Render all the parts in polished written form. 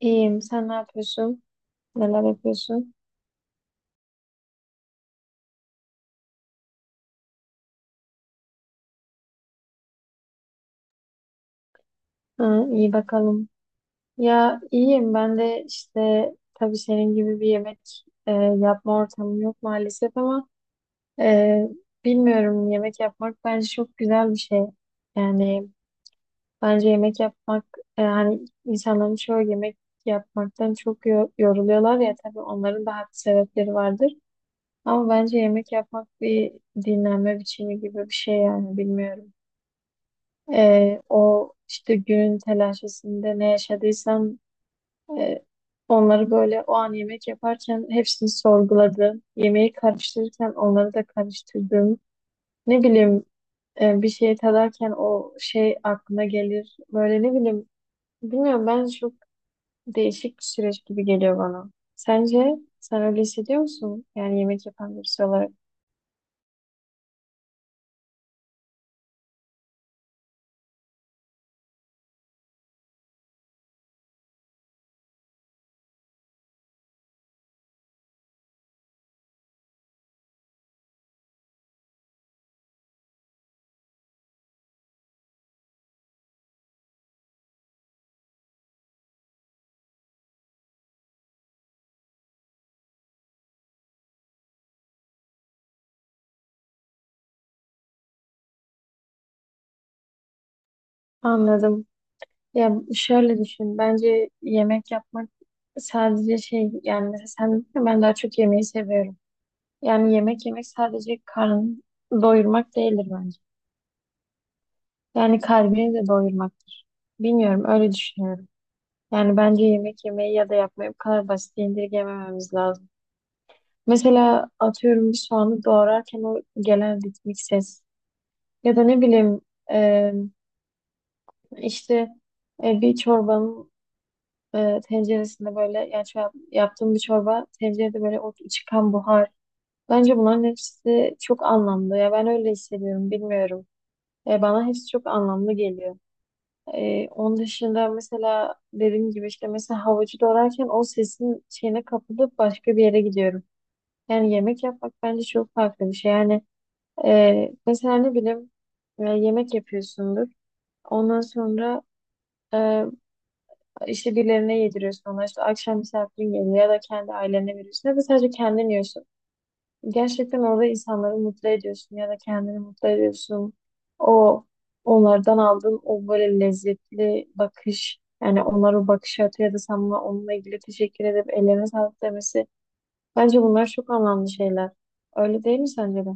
İyiyim. Sen ne yapıyorsun? Neler yapıyorsun? Ha, iyi bakalım. Ya iyiyim. Ben de işte tabii senin gibi bir yemek yapma ortamım yok maalesef ama e, bilmiyorum yemek yapmak bence çok güzel bir şey. Yani bence yemek yapmak hani insanların çoğu yemek yapmaktan çok yoruluyorlar ya tabii onların da haklı sebepleri vardır. Ama bence yemek yapmak bir dinlenme biçimi gibi bir şey yani bilmiyorum. O işte günün telaşesinde ne yaşadıysam e, onları böyle o an yemek yaparken hepsini sorguladım. Yemeği karıştırırken onları da karıştırdım. Ne bileyim bir şey tadarken o şey aklına gelir. Böyle ne bileyim bilmiyorum ben çok değişik bir süreç gibi geliyor bana. Sence sen öyle hissediyor musun? Yani yemek yapan birisi olarak. Anladım. Ya şöyle düşün. Bence yemek yapmak sadece şey yani mesela sen dedin ya, ben daha çok yemeği seviyorum. Yani yemek yemek sadece karnı doyurmak değildir bence. Yani kalbini de doyurmaktır. Bilmiyorum öyle düşünüyorum. Yani bence yemek yemeyi ya da yapmayı bu kadar basit indirgemememiz lazım. Mesela atıyorum bir soğanı doğrarken o gelen ritmik ses ya da ne bileyim e, işte bir çorbanın tenceresinde böyle yani şu yaptığım bir çorba tencerede böyle o çıkan buhar. Bence bunların hepsi çok anlamlı. Ya ben öyle hissediyorum bilmiyorum. Bana hepsi çok anlamlı geliyor. Onun dışında mesela dediğim gibi işte mesela havucu doğrarken o sesin şeyine kapılıp başka bir yere gidiyorum. Yani yemek yapmak bence çok farklı bir şey. Yani mesela ne bileyim yemek yapıyorsundur. Ondan sonra e, İşte birilerine yediriyorsun ona işte akşam misafirin geliyor ya da kendi ailene veriyorsun ya da sadece kendin yiyorsun. Gerçekten orada insanları mutlu ediyorsun ya da kendini mutlu ediyorsun. O onlardan aldığın o böyle lezzetli bakış yani onlara o bakış atıyor ya da sen onunla ilgili teşekkür edip ellerine sağlık demesi. Bence bunlar çok anlamlı şeyler. Öyle değil mi sence de?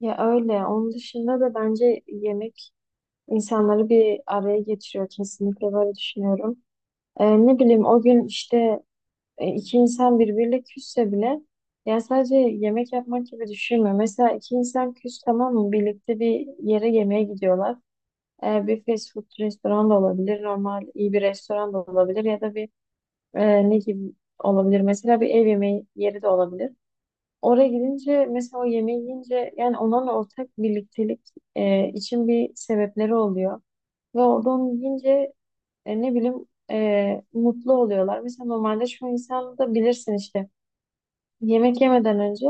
Ya öyle. Onun dışında da bence yemek insanları bir araya getiriyor. Kesinlikle böyle düşünüyorum. Ne bileyim o gün işte iki insan birbiriyle küsse bile ya sadece yemek yapmak gibi düşünme. Mesela iki insan küs tamam mı? Birlikte bir yere yemeğe gidiyorlar. E, bir fast food restoran da olabilir. Normal iyi bir restoran da olabilir. Ya da bir ne gibi olabilir? Mesela bir ev yemeği yeri de olabilir. Oraya gidince mesela o yemeği yiyince yani onunla ortak birliktelik için bir sebepleri oluyor. Ve orada onu yiyince ne bileyim mutlu oluyorlar. Mesela normalde şu insan da bilirsin işte yemek yemeden önce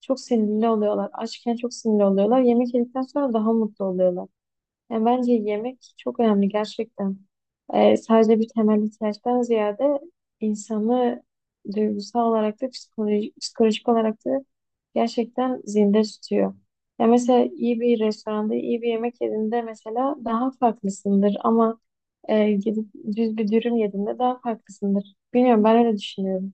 çok sinirli oluyorlar. Açken çok sinirli oluyorlar. Yemek yedikten sonra daha mutlu oluyorlar. Yani bence yemek çok önemli gerçekten. Sadece bir temel ihtiyaçtan ziyade insanı duygusal olarak da psikolojik olarak da gerçekten zinde tutuyor. Ya mesela iyi bir restoranda iyi bir yemek yediğinde mesela daha farklısındır ama gidip düz bir dürüm yediğinde daha farklısındır. Bilmiyorum ben öyle düşünüyorum.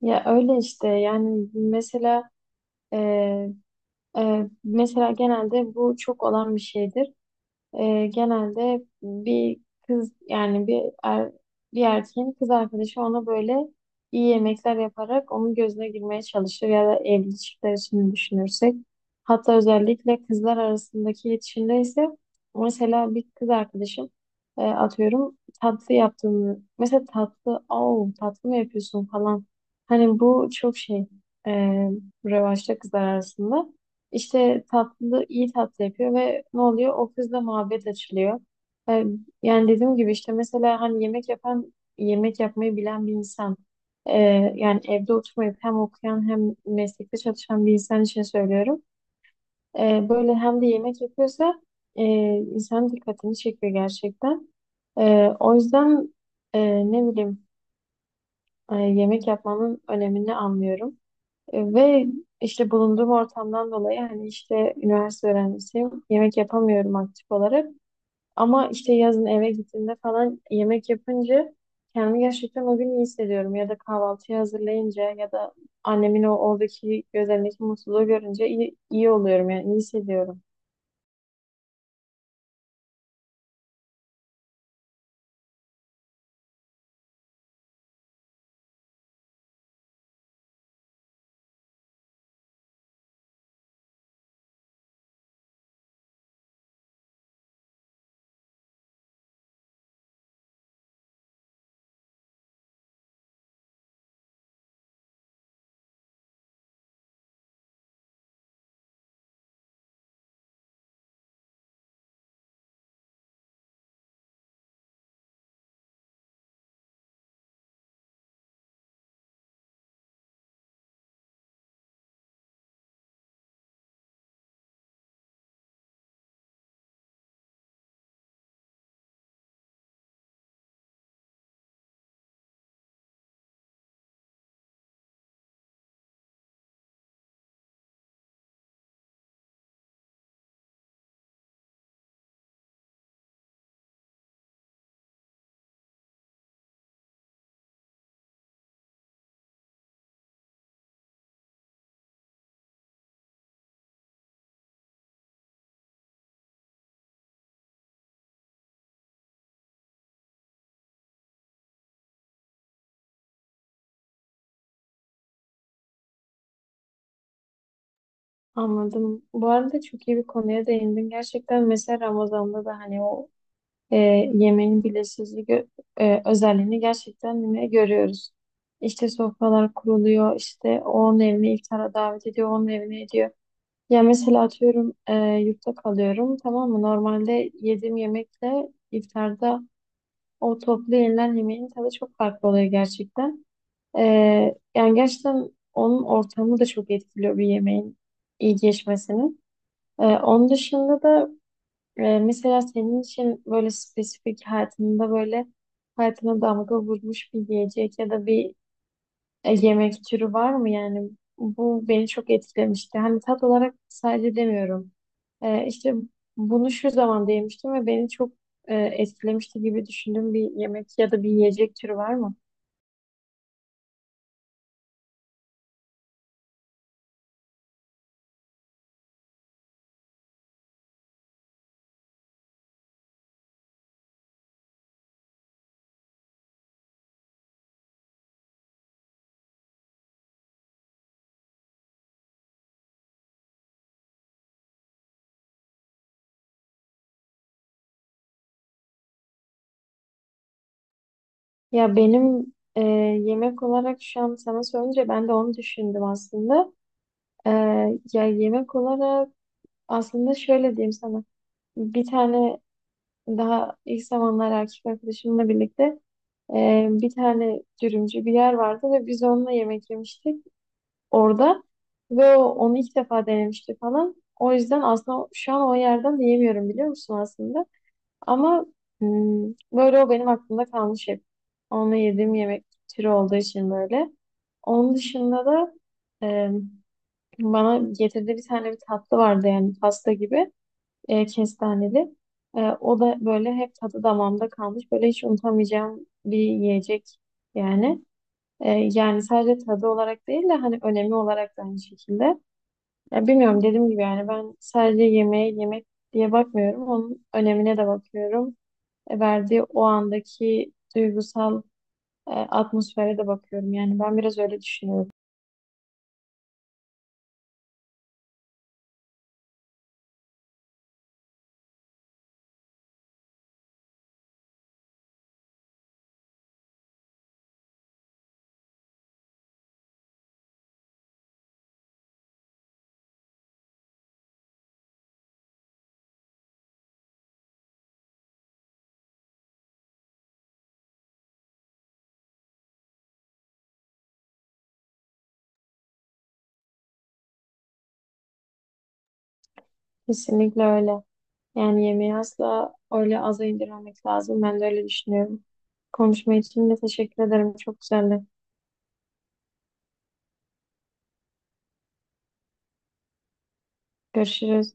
Ya öyle işte yani mesela e, mesela genelde bu çok olan bir şeydir. Genelde bir kız yani bir erkeğin kız arkadaşı ona böyle iyi yemekler yaparak onun gözüne girmeye çalışır ya da evli çiftler için düşünürsek. Hatta özellikle kızlar arasındaki iletişimde ise mesela bir kız arkadaşım atıyorum tatlı yaptığını mesela tatlı "Au, tatlı mı yapıyorsun falan hani bu çok şey e, revaçta kızlar arasında. İşte tatlı, iyi tatlı yapıyor ve ne oluyor? O kızla muhabbet açılıyor. Ee, Yani dediğim gibi işte mesela hani yemek yapan, yemek yapmayı bilen bir insan. ee, Yani evde oturmayıp hem okuyan hem meslekte çalışan bir insan için söylüyorum. Böyle hem de yemek yapıyorsa ee, insanın dikkatini çekiyor gerçekten. O yüzden ne bileyim yemek yapmanın önemini anlıyorum. Ve işte bulunduğum ortamdan dolayı hani işte üniversite öğrencisiyim. Yemek yapamıyorum aktif olarak. Ama işte yazın eve gittiğimde falan yemek yapınca kendimi gerçekten o gün iyi hissediyorum. Ya da kahvaltıyı hazırlayınca ya da annemin o oradaki gözlerindeki mutluluğu görünce iyi oluyorum yani iyi hissediyorum. Anladım. Bu arada çok iyi bir konuya değindin. Gerçekten mesela Ramazan'da da hani o e, yemeğin özelliğini gerçekten yine görüyoruz. İşte sofralar kuruluyor, işte onun evine iftara davet ediyor, onun evine ediyor. Ya mesela atıyorum yurtta kalıyorum tamam mı? Normalde yediğim yemekle iftarda o toplu yenilen yemeğin tadı çok farklı oluyor gerçekten. E, Yani gerçekten onun ortamı da çok etkiliyor bir yemeğin iyi geçmesini. Onun dışında da mesela senin için böyle spesifik hayatında böyle hayatına damga vurmuş bir yiyecek ya da bir yemek türü var mı? Yani bu beni çok etkilemişti. Hani tat olarak sadece demiyorum. İşte bunu şu zaman yemiştim ve beni çok etkilemişti gibi düşündüğüm bir yemek ya da bir yiyecek türü var mı? Ya benim yemek olarak şu an sana sorunca ben de onu düşündüm aslında. Ee, Ya yemek olarak aslında şöyle diyeyim sana. Bir tane daha ilk zamanlar erkek arkadaşımla birlikte bir tane dürümcü bir yer vardı ve biz onunla yemek yemiştik orada ve onu ilk defa denemişti falan. O yüzden aslında şu an o yerden de yemiyorum biliyor musun aslında. Ama böyle o benim aklımda kalmış hep. Onunla yediğim yemek türü olduğu için böyle. Onun dışında da e, bana getirdiği bir tane bir tatlı vardı yani pasta gibi kestaneli. O da böyle hep tadı damağımda kalmış. Böyle hiç unutamayacağım bir yiyecek yani. Yani sadece tadı olarak değil de hani önemi olarak da aynı şekilde. Ya bilmiyorum dediğim gibi yani ben sadece yemeğe yemek diye bakmıyorum. Onun önemine de bakıyorum. Verdiği o andaki duygusal atmosfere de bakıyorum. Yani ben biraz öyle düşünüyorum. Kesinlikle öyle. Yani yemeği asla öyle aza indirmemek lazım. Ben de öyle düşünüyorum. Konuşma için de teşekkür ederim. Çok güzeldi. Görüşürüz.